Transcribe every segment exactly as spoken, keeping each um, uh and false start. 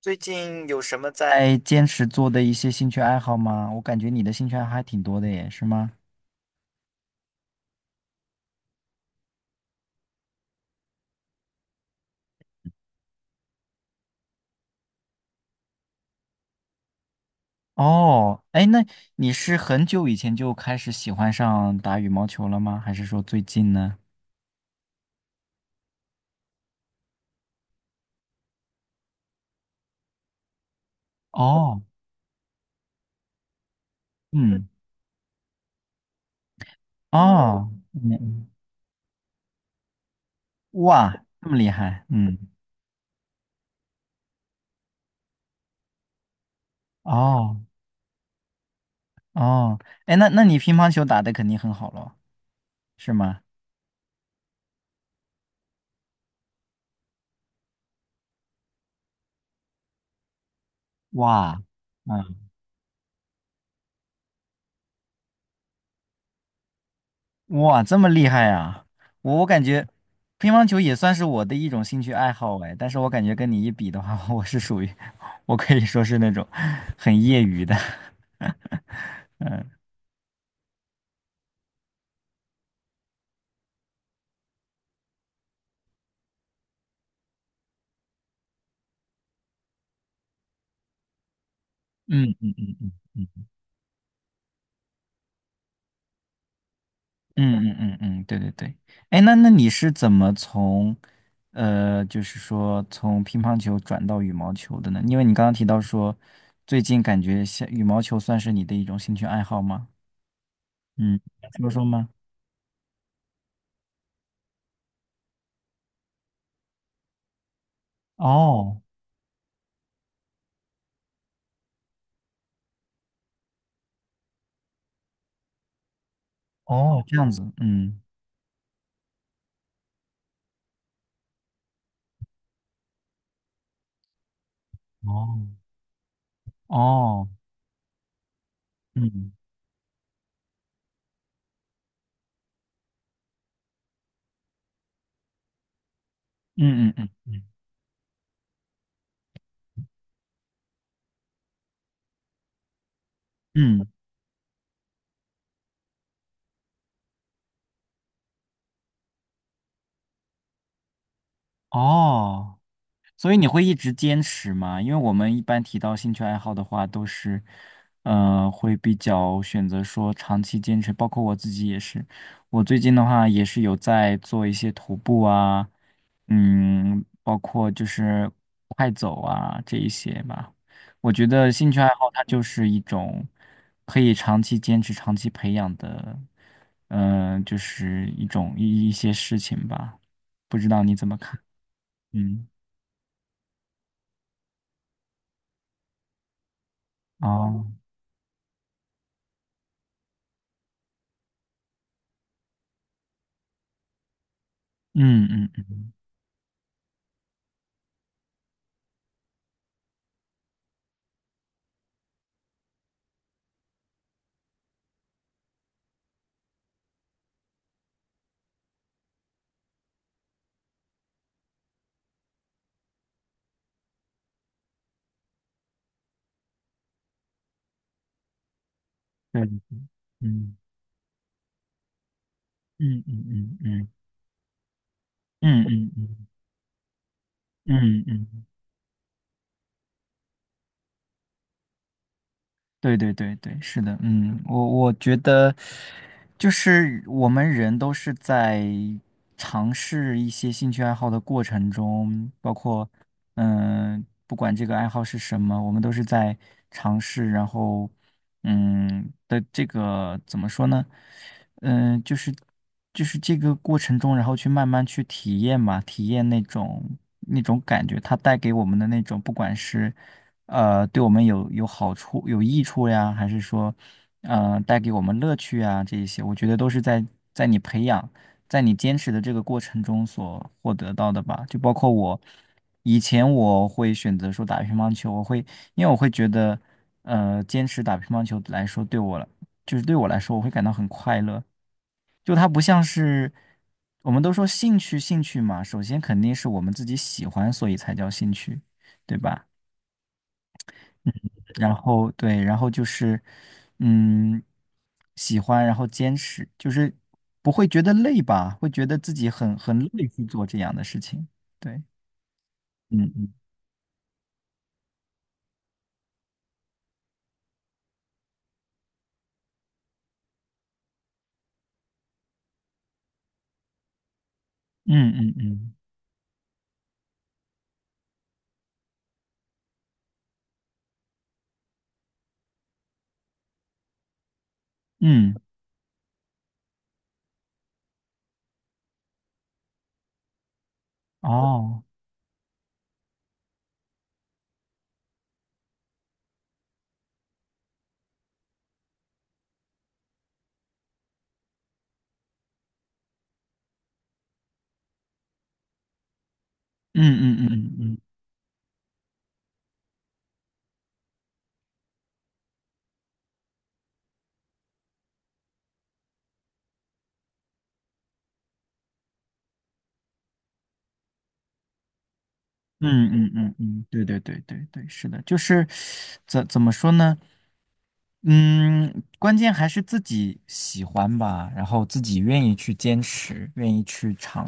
最近有什么在坚持做的一些兴趣爱好吗？我感觉你的兴趣爱好还挺多的耶，是吗？哦，哎，那你是很久以前就开始喜欢上打羽毛球了吗？还是说最近呢？哦，嗯，哦，嗯，哇，这么厉害，嗯，哦，哦，哎，那那你乒乓球打得肯定很好咯，是吗？哇，嗯。哇，这么厉害啊！我我感觉乒乓球也算是我的一种兴趣爱好哎，但是我感觉跟你一比的话，我是属于，我可以说是那种很业余的。嗯嗯嗯嗯嗯嗯嗯嗯，对对对。哎，那那你是怎么从，呃，就是说从乒乓球转到羽毛球的呢？因为你刚刚提到说，最近感觉像羽毛球算是你的一种兴趣爱好吗？嗯，说说吗？哦哦哦这样子，嗯。哦。哦，嗯嗯嗯嗯嗯，哦，所以你会一直坚持吗？因为我们一般提到兴趣爱好的话，都是，呃，会比较选择说长期坚持。包括我自己也是，我最近的话也是有在做一些徒步啊，嗯，包括就是快走啊这一些吧。我觉得兴趣爱好它就是一种可以长期坚持、长期培养的，嗯、就是一种一一些事情吧。不知道你怎么看？嗯，哦。嗯嗯嗯，对，嗯嗯嗯嗯嗯嗯嗯嗯嗯。嗯对对对对，是的，嗯，我我觉得就是我们人都是在尝试一些兴趣爱好的过程中，包括嗯、呃不管这个爱好是什么，我们都是在尝试，然后嗯的这个怎么说呢？嗯、就是就是这个过程中，然后去慢慢去体验嘛，体验那种那种感觉，它带给我们的那种，不管是。呃，对我们有有好处、有益处呀，还是说，呃，带给我们乐趣啊，这一些，我觉得都是在在你培养、在你坚持的这个过程中所获得到的吧。就包括我以前我会选择说打乒乓球，我会因为我会觉得，呃，坚持打乒乓球来说，对我来就是对我来说，我会感到很快乐。就它不像是我们都说兴趣，兴趣嘛，首先肯定是我们自己喜欢，所以才叫兴趣，对吧？嗯，然后对，然后就是，嗯，喜欢，然后坚持，就是不会觉得累吧，会觉得自己很很累去做这样的事情。对，嗯嗯嗯嗯嗯嗯，哦，嗯嗯嗯嗯嗯嗯嗯嗯嗯，对对对对对，是的，就是怎怎么说呢？嗯，关键还是自己喜欢吧，然后自己愿意去坚持，愿意去尝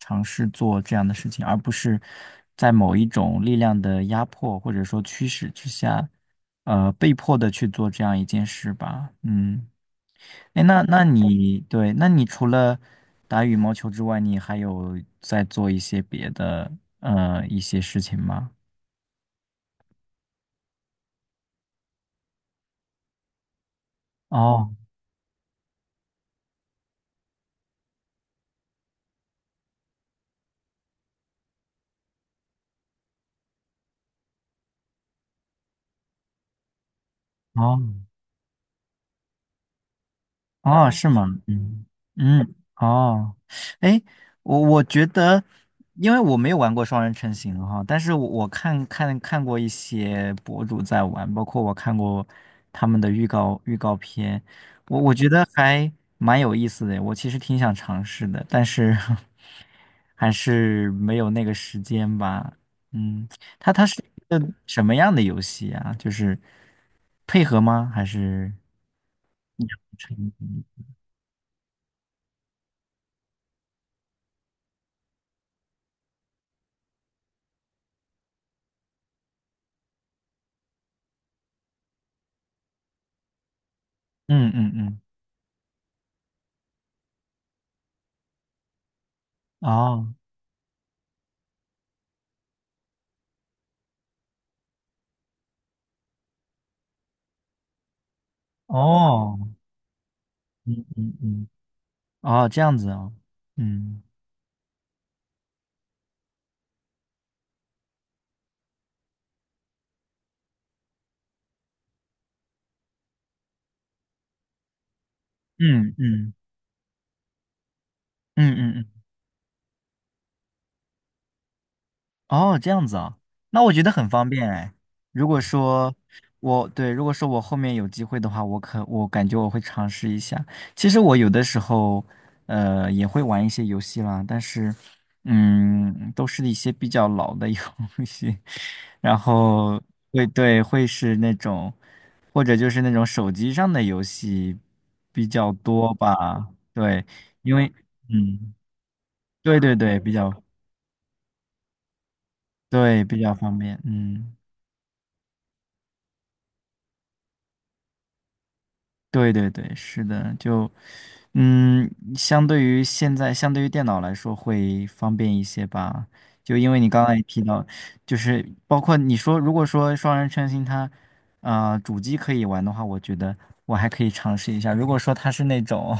尝试做这样的事情，而不是在某一种力量的压迫或者说驱使之下，呃，被迫的去做这样一件事吧。嗯，哎，那那你对，那你除了打羽毛球之外，你还有在做一些别的呃一些事情吗？哦哦哦，是吗？嗯嗯，哦，哎，我我觉得，因为我没有玩过双人成行哈，但是我我看看看过一些博主在玩，包括我看过他们的预告预告片，我我觉得还蛮有意思的，我其实挺想尝试的，但是 还是没有那个时间吧。嗯，它它是一个什么样的游戏啊？就是配合吗？还是成？嗯嗯嗯。哦哦，嗯嗯嗯，哦，这样子哦，嗯嗯嗯嗯嗯嗯，哦，这样子啊，那我觉得很方便哎。如果说我对，如果说我后面有机会的话，我可我感觉我会尝试一下。其实我有的时候，呃，也会玩一些游戏啦，但是，嗯，都是一些比较老的游 戏，然后会对会是那种，或者就是那种手机上的游戏比较多吧，对，因为嗯，对对对，比较对比较方便，嗯，对对对，是的，就嗯，相对于现在相对于电脑来说会方便一些吧，就因为你刚才也提到，就是包括你说如果说双人成行它。啊、呃主机可以玩的话，我觉得我还可以尝试一下。如果说它是那种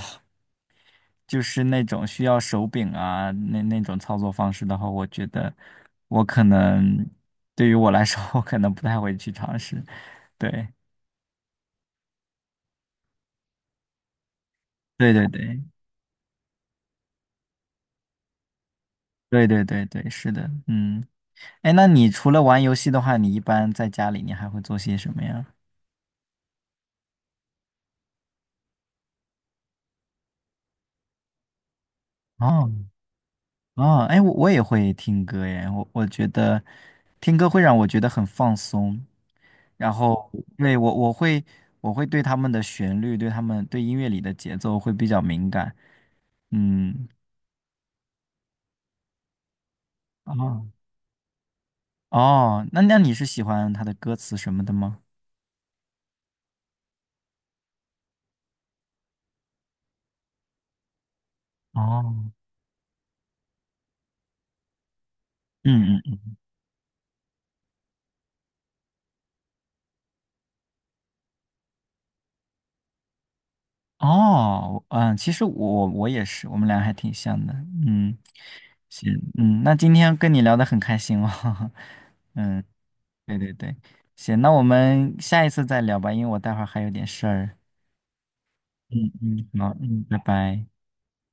就是那种需要手柄啊，那那种操作方式的话，我觉得我可能对于我来说，我可能不太会去尝试。对，对对对，对对对对，是的，嗯，哎，那你除了玩游戏的话，你一般在家里你还会做些什么呀？哦哦，哎，我我也会听歌耶，我我觉得听歌会让我觉得很放松，然后对我我会我会对他们的旋律，对他们对音乐里的节奏会比较敏感，嗯。哦哦，那那你是喜欢他的歌词什么的吗？哦，嗯嗯嗯，哦，嗯，其实我我也是，我们俩还挺像的，嗯，行，嗯，那今天跟你聊的很开心哦，嗯，对对对，行，那我们下一次再聊吧，因为我待会儿还有点事儿，嗯嗯，好，嗯，拜拜。